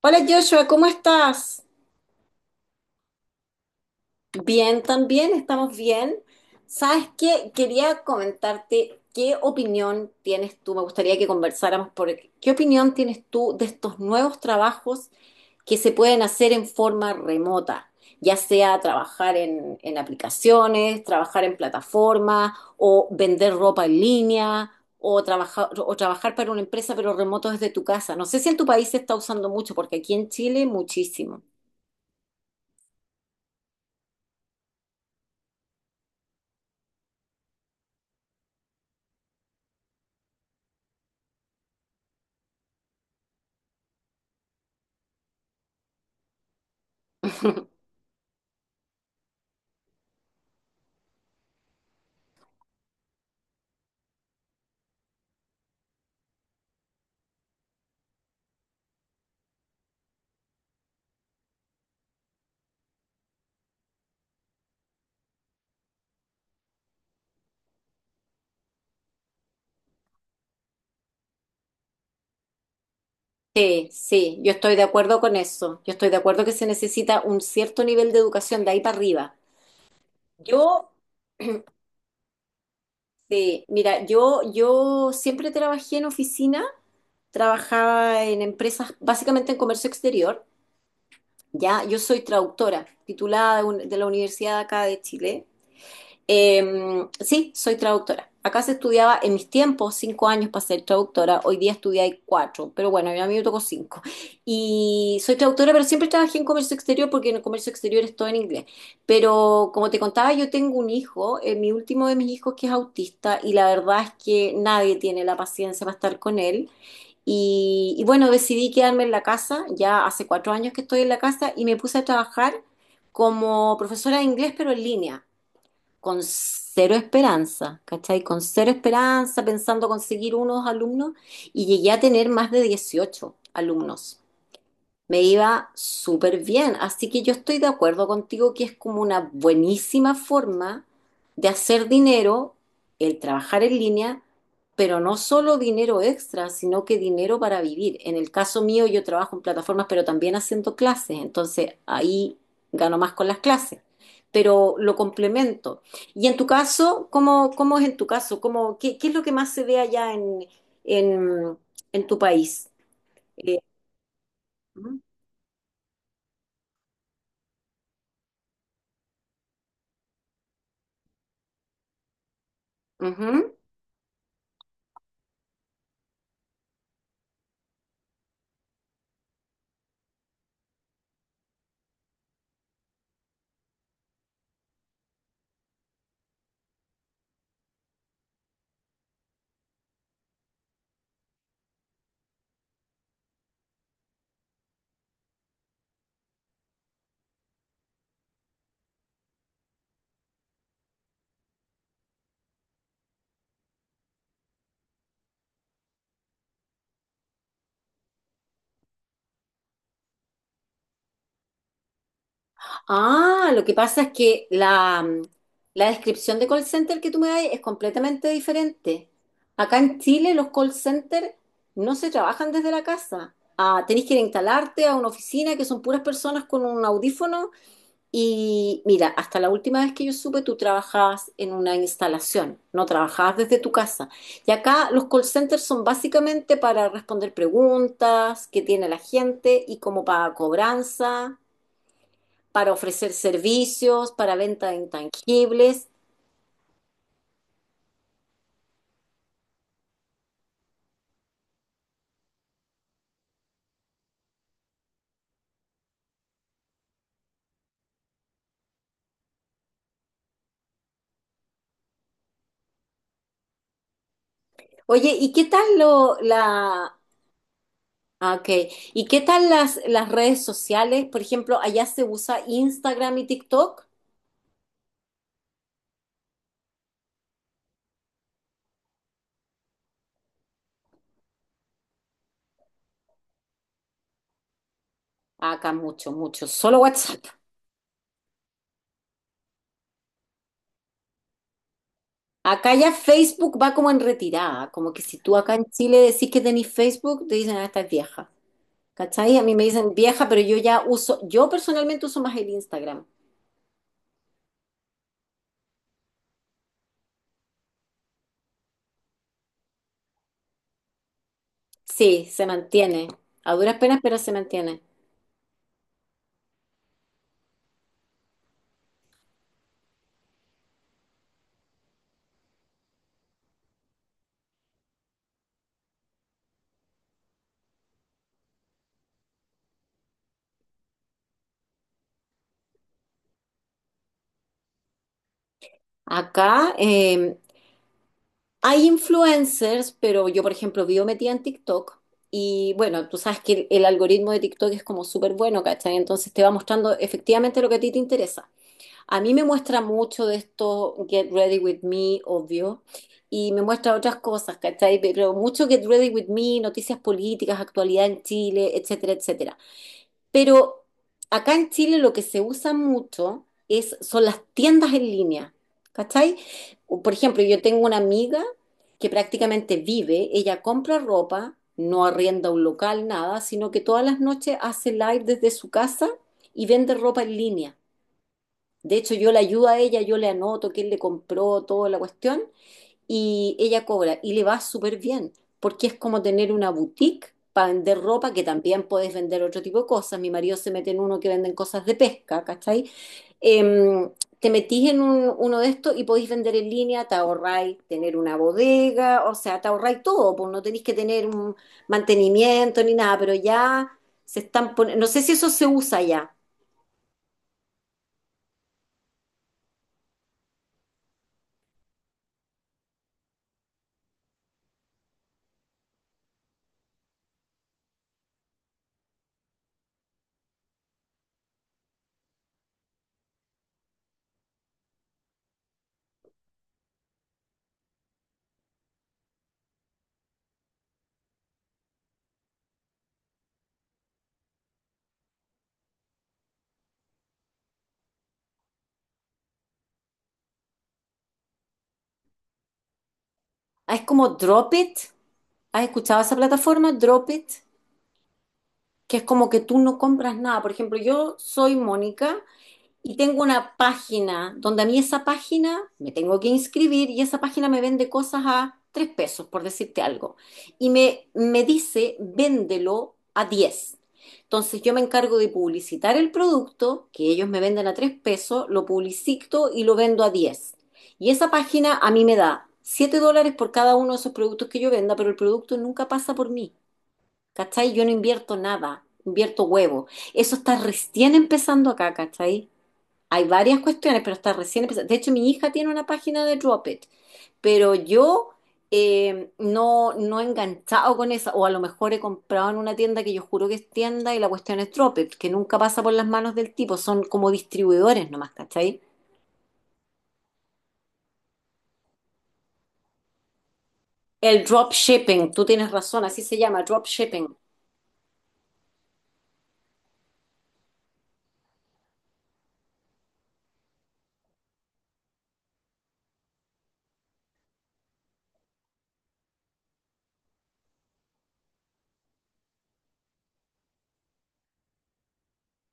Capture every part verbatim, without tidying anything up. Hola Joshua, ¿cómo estás? Bien, también, estamos bien. ¿Sabes qué? Quería comentarte qué opinión tienes tú. Me gustaría que conversáramos por qué opinión tienes tú de estos nuevos trabajos que se pueden hacer en forma remota, ya sea trabajar en, en aplicaciones, trabajar en plataformas o vender ropa en línea. O trabajar, o trabajar para una empresa, pero remoto desde tu casa. No sé si en tu país se está usando mucho, porque aquí en Chile muchísimo. Sí, sí, yo estoy de acuerdo con eso. Yo estoy de acuerdo que se necesita un cierto nivel de educación de ahí para arriba. Yo, sí, mira, yo, yo siempre trabajé en oficina, trabajaba en empresas, básicamente en comercio exterior. Ya, yo soy traductora, titulada de, un- de la universidad acá de Chile. Eh, sí, soy traductora. Acá se estudiaba en mis tiempos cinco años para ser traductora, hoy día estudié cuatro, pero bueno, a mí me tocó cinco. Y soy traductora, pero siempre trabajé en comercio exterior porque en el comercio exterior es todo en inglés. Pero como te contaba, yo tengo un hijo, eh, mi último de mis hijos que es autista y la verdad es que nadie tiene la paciencia para estar con él. Y, y bueno, decidí quedarme en la casa, ya hace cuatro años que estoy en la casa y me puse a trabajar como profesora de inglés, pero en línea con cero esperanza, ¿cachai? Con cero esperanza, pensando conseguir unos alumnos, y llegué a tener más de dieciocho alumnos. Me iba súper bien, así que yo estoy de acuerdo contigo que es como una buenísima forma de hacer dinero el trabajar en línea, pero no solo dinero extra, sino que dinero para vivir. En el caso mío yo trabajo en plataformas, pero también haciendo clases, entonces ahí gano más con las clases, pero lo complemento. Y en tu caso, ¿cómo, cómo es en tu caso? ¿Cómo, qué, qué es lo que más se ve allá en, en, en tu país? Eh, ujú. Ah, lo que pasa es que la, la descripción de call center que tú me das es completamente diferente. Acá en Chile los call center no se trabajan desde la casa. Ah, tenés que ir a instalarte a una oficina que son puras personas con un audífono y mira, hasta la última vez que yo supe tú trabajabas en una instalación, no trabajabas desde tu casa. Y acá los call centers son básicamente para responder preguntas que tiene la gente y como para cobranza para ofrecer servicios, para venta de intangibles. Oye, ¿y qué tal lo, la, ah, ok. ¿Y qué tal las, las redes sociales? Por ejemplo, allá se usa Instagram y TikTok. Acá mucho, mucho, solo WhatsApp. Acá ya Facebook va como en retirada, como que si tú acá en Chile decís que tenés Facebook, te dicen, ah, estás vieja. ¿Cachai? A mí me dicen vieja, pero yo ya uso, yo personalmente uso más el Instagram. Sí, se mantiene. A duras penas, pero se mantiene. Acá, eh, hay influencers, pero yo, por ejemplo, vivo metida en TikTok y bueno, tú sabes que el, el algoritmo de TikTok es como súper bueno, ¿cachai? Entonces te va mostrando efectivamente lo que a ti te interesa. A mí me muestra mucho de esto Get Ready With Me, obvio, y me muestra otras cosas, ¿cachai? Pero mucho Get Ready With Me, noticias políticas, actualidad en Chile, etcétera, etcétera. Pero acá en Chile lo que se usa mucho es, son las tiendas en línea, ¿cachai? Por ejemplo, yo tengo una amiga que prácticamente vive, ella compra ropa, no arrienda un local, nada, sino que todas las noches hace live desde su casa y vende ropa en línea. De hecho, yo le ayudo a ella, yo le anoto quién le compró, toda la cuestión, y ella cobra y le va súper bien, porque es como tener una boutique para vender ropa, que también puedes vender otro tipo de cosas. Mi marido se mete en uno que venden cosas de pesca, ¿cachai? Em, te metís en un- uno de estos y podéis vender en línea, te ahorráis tener una bodega, o sea, te ahorráis todo, pues no tenéis que tener un mantenimiento ni nada, pero ya se están poniendo, no sé si eso se usa ya. Ah, es como Drop It. ¿Has escuchado esa plataforma? Drop It. Que es como que tú no compras nada. Por ejemplo, yo soy Mónica y tengo una página donde a mí esa página me tengo que inscribir y esa página me vende cosas a tres pesos, por decirte algo. Y me, me dice, véndelo a diez. Entonces yo me encargo de publicitar el producto, que ellos me venden a tres pesos, lo publicito y lo vendo a diez. Y esa página a mí me da siete dólares por cada uno de esos productos que yo venda, pero el producto nunca pasa por mí. ¿Cachai? Yo no invierto nada, invierto huevo. Eso está recién empezando acá, ¿cachai? Hay varias cuestiones, pero está recién empezando. De hecho, mi hija tiene una página de Drop It, pero yo eh, no, no he enganchado con esa, o a lo mejor he comprado en una tienda que yo juro que es tienda y la cuestión es Drop It, que nunca pasa por las manos del tipo, son como distribuidores nomás, ¿cachai? El drop shipping, tú tienes razón, así se llama, drop shipping.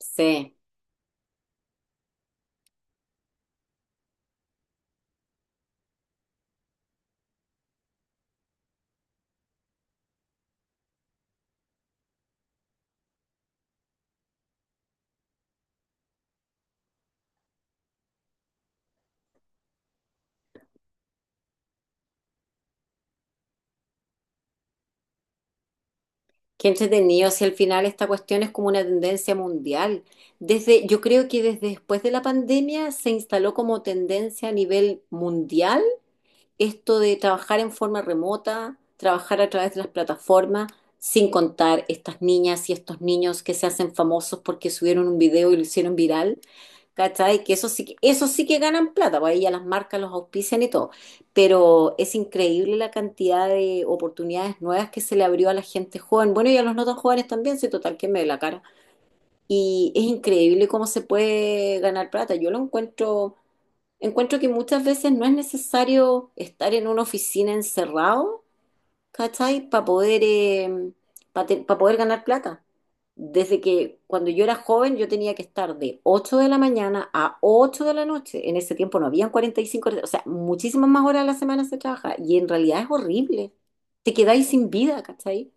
Sí. Qué entretenido, si al final esta cuestión es como una tendencia mundial. Desde, yo creo que desde después de la pandemia se instaló como tendencia a nivel mundial esto de trabajar en forma remota, trabajar a través de las plataformas, sin contar estas niñas y estos niños que se hacen famosos porque subieron un video y lo hicieron viral. ¿Cachai? Que eso sí, que- eso sí que ganan plata, pues ahí ya las marcas los auspician y todo. Pero es increíble la cantidad de oportunidades nuevas que se le abrió a la gente joven. Bueno, y a los no tan jóvenes también, si total que me ve la cara. Y es increíble cómo se puede ganar plata. Yo lo encuentro, encuentro que muchas veces no es necesario estar en una oficina encerrado, ¿cachai? Para poder, para poder ganar plata. Desde que cuando yo era joven yo tenía que estar de ocho de la mañana a ocho de la noche. En ese tiempo no habían cuarenta y cinco horas, o sea, muchísimas más horas a la semana se trabaja y en realidad es horrible. Te quedáis sin vida, ¿cachai?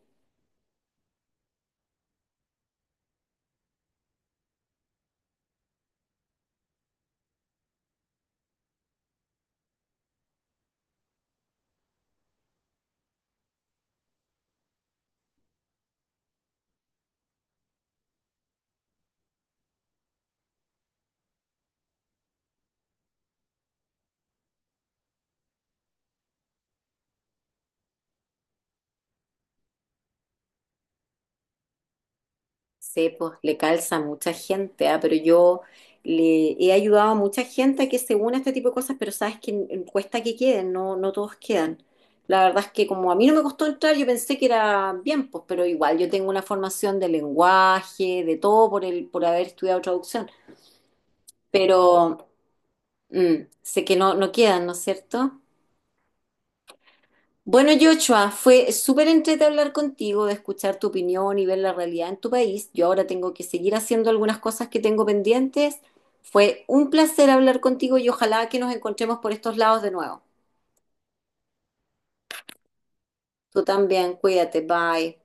Sí, pues le calza a mucha gente, ah. Pero yo le he ayudado a mucha gente a que se una a este tipo de cosas, pero sabes que en- en- cuesta que queden, no, no todos quedan. La verdad es que como a mí no me costó entrar, yo pensé que era bien, pues, pero igual yo tengo una formación de lenguaje, de todo por el, por haber estudiado traducción, pero mm, sé que no, no quedan, ¿no es cierto? Bueno, Joshua, fue súper entrete hablar contigo, de escuchar tu opinión y ver la realidad en tu país. Yo ahora tengo que seguir haciendo algunas cosas que tengo pendientes. Fue un placer hablar contigo y ojalá que nos encontremos por estos lados de nuevo. Tú también, cuídate, bye.